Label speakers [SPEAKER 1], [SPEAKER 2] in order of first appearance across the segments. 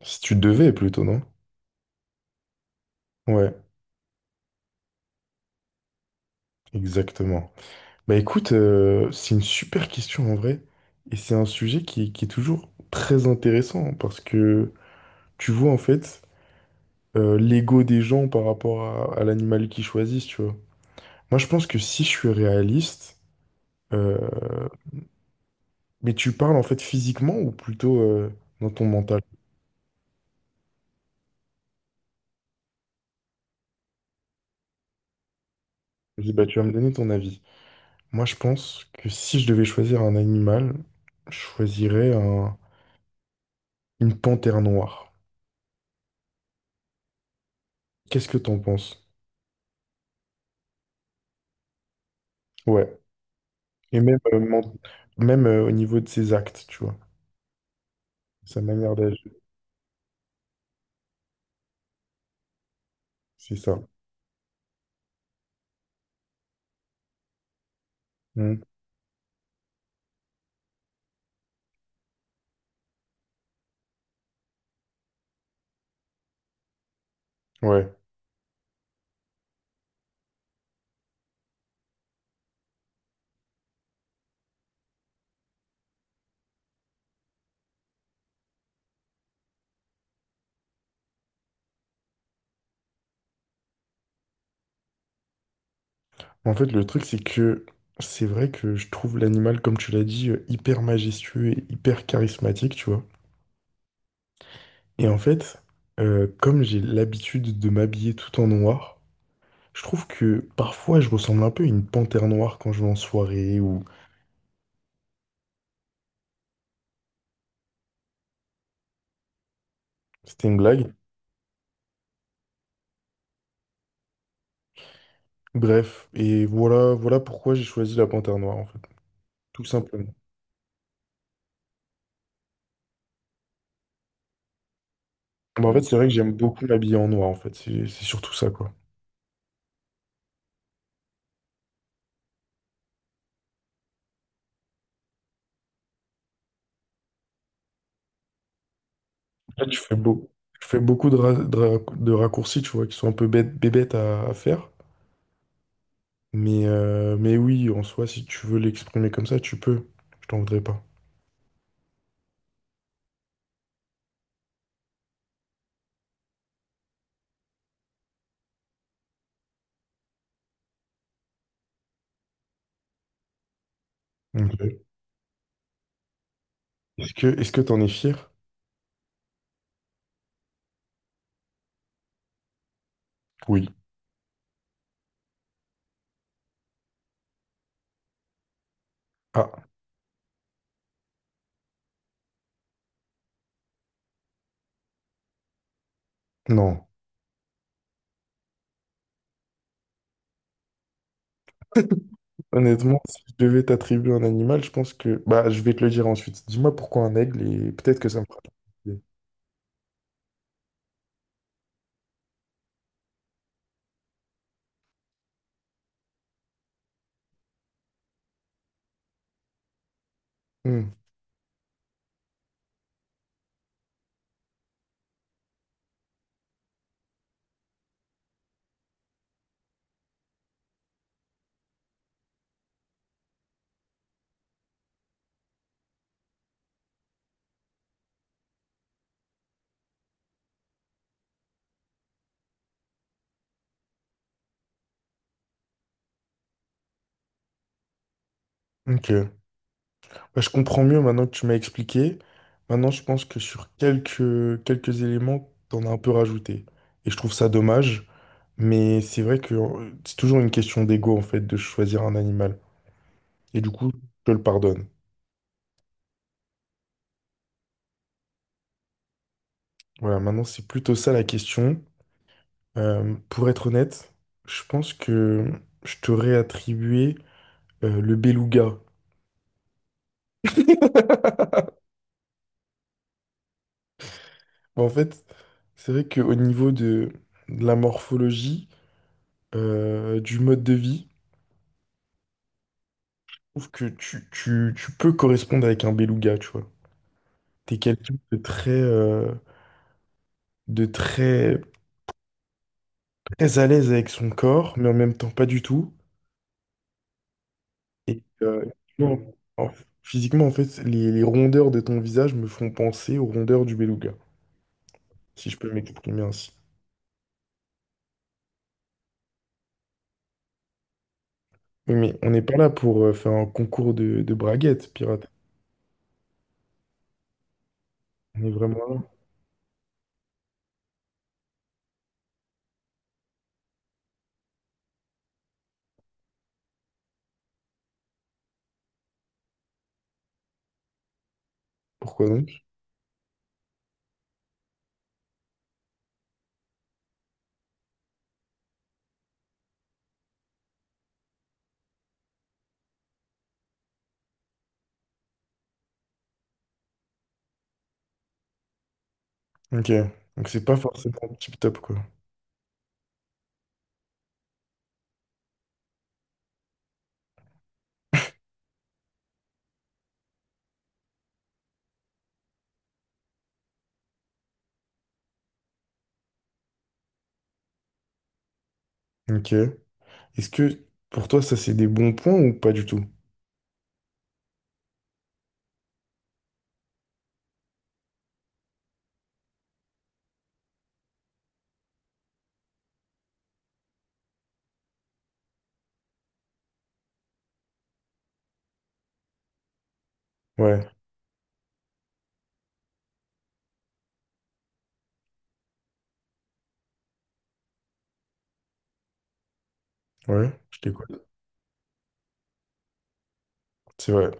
[SPEAKER 1] Si tu devais plutôt, non? Ouais, exactement. Bah écoute, c'est une super question en vrai. Et c'est un sujet qui est toujours très intéressant parce que tu vois en fait l'ego des gens par rapport à l'animal qu'ils choisissent, tu vois. Moi je pense que si je suis réaliste, euh, mais tu parles en fait physiquement ou plutôt dans ton mental? Je dis, bah tu vas me donner ton avis. Moi je pense que si je devais choisir un animal, je choisirais un- une panthère noire. Qu'est-ce que t'en penses? Ouais. Et même, même au niveau de ses actes, tu vois. Sa manière d'agir. C'est ça. Mm. Ouais. En fait, le truc, c'est que c'est vrai que je trouve l'animal, comme tu l'as dit, hyper majestueux et hyper charismatique, tu vois. Et en fait, comme j'ai l'habitude de m'habiller tout en noir, je trouve que parfois je ressemble un peu à une panthère noire quand je vais en soirée ou c'était une blague. Bref, et voilà, voilà pourquoi j'ai choisi la panthère noire, en fait. Tout simplement. Bah, en fait, c'est vrai que j'aime beaucoup m'habiller en noir, en fait. C'est surtout ça, quoi. En fait, je fais beau. Je fais beaucoup de raccourcis, tu vois, qui sont un peu bêtes, bébêtes à faire. Mais oui, en soi, si tu veux l'exprimer comme ça, tu peux. Je t'en voudrais pas. Ok. Est-ce que t'en es fier? Oui. Ah, non. Honnêtement, si je devais t'attribuer un animal, je pense que... Bah, je vais te le dire ensuite. Dis-moi pourquoi un aigle et peut-être que ça me fera... Hmm. Ok. Bah, je comprends mieux maintenant que tu m'as expliqué. Maintenant, je pense que sur quelques éléments, t'en as un peu rajouté. Et je trouve ça dommage, mais c'est vrai que c'est toujours une question d'ego, en fait, de choisir un animal. Et du coup, je le pardonne. Voilà, maintenant, c'est plutôt ça la question. Pour être honnête, je pense que je t'aurais attribué le beluga. En fait, c'est vrai qu'au niveau de la morphologie, du mode de vie, trouve que tu peux correspondre avec un beluga, tu vois. T'es quelqu'un de très, de très, très à l'aise avec son corps, mais en même temps pas du tout. Et non, physiquement, en fait, les rondeurs de ton visage me font penser aux rondeurs du beluga, si je peux m'exprimer ainsi. Oui, mais on n'est pas là pour faire un concours de braguettes, pirate. On est vraiment là. Pourquoi donc? Ok. Donc c'est pas forcément tip-top, quoi. Ok. Est-ce que pour toi, ça c'est des bons points ou pas du tout? Ouais. Ouais, je t'écoute. C'est vrai.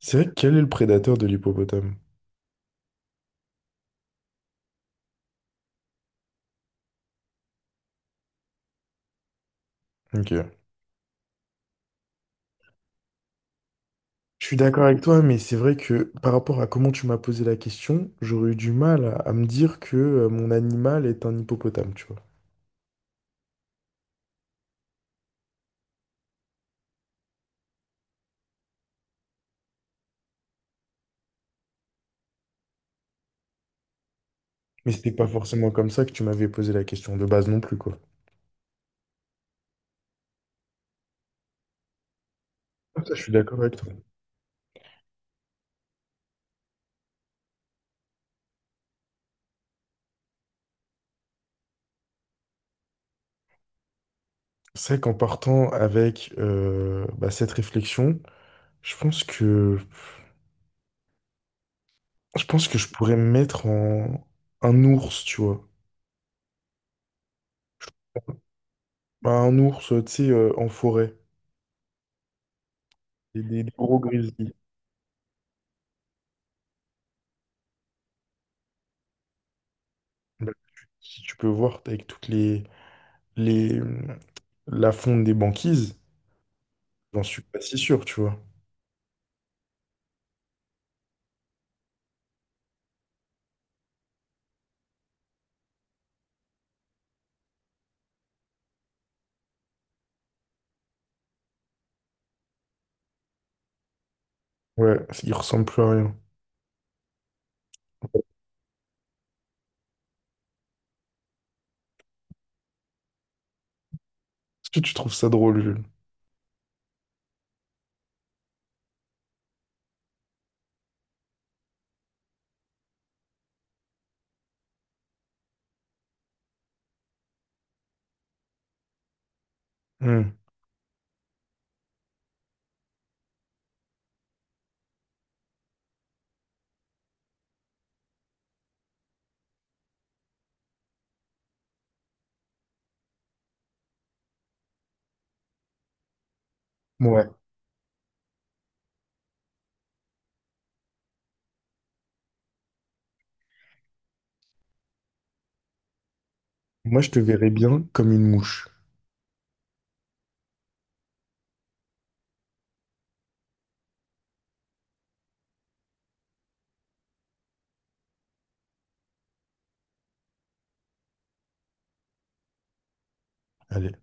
[SPEAKER 1] C'est vrai, quel est le prédateur de l'hippopotame? Ok. Je suis d'accord avec toi, mais c'est vrai que par rapport à comment tu m'as posé la question, j'aurais eu du mal à me dire que mon animal est un hippopotame, tu vois. Mais c'était pas forcément comme ça que tu m'avais posé la question de base non plus, quoi. Ça, je suis d'accord avec toi. C'est vrai qu'en partant avec bah, cette réflexion, je pense que je pense que je pourrais me mettre en un ours, tu vois. Bah, un ours, tu sais, en forêt. Des gros grizzlies. Bah, si tu peux voir avec toutes les la fonte des banquises, j'en suis pas si sûr, tu vois. Ouais, il ressemble plus à rien. Est-ce que tu trouves ça drôle, Jules? Hmm. Ouais. Moi, je te verrais bien comme une mouche. Allez.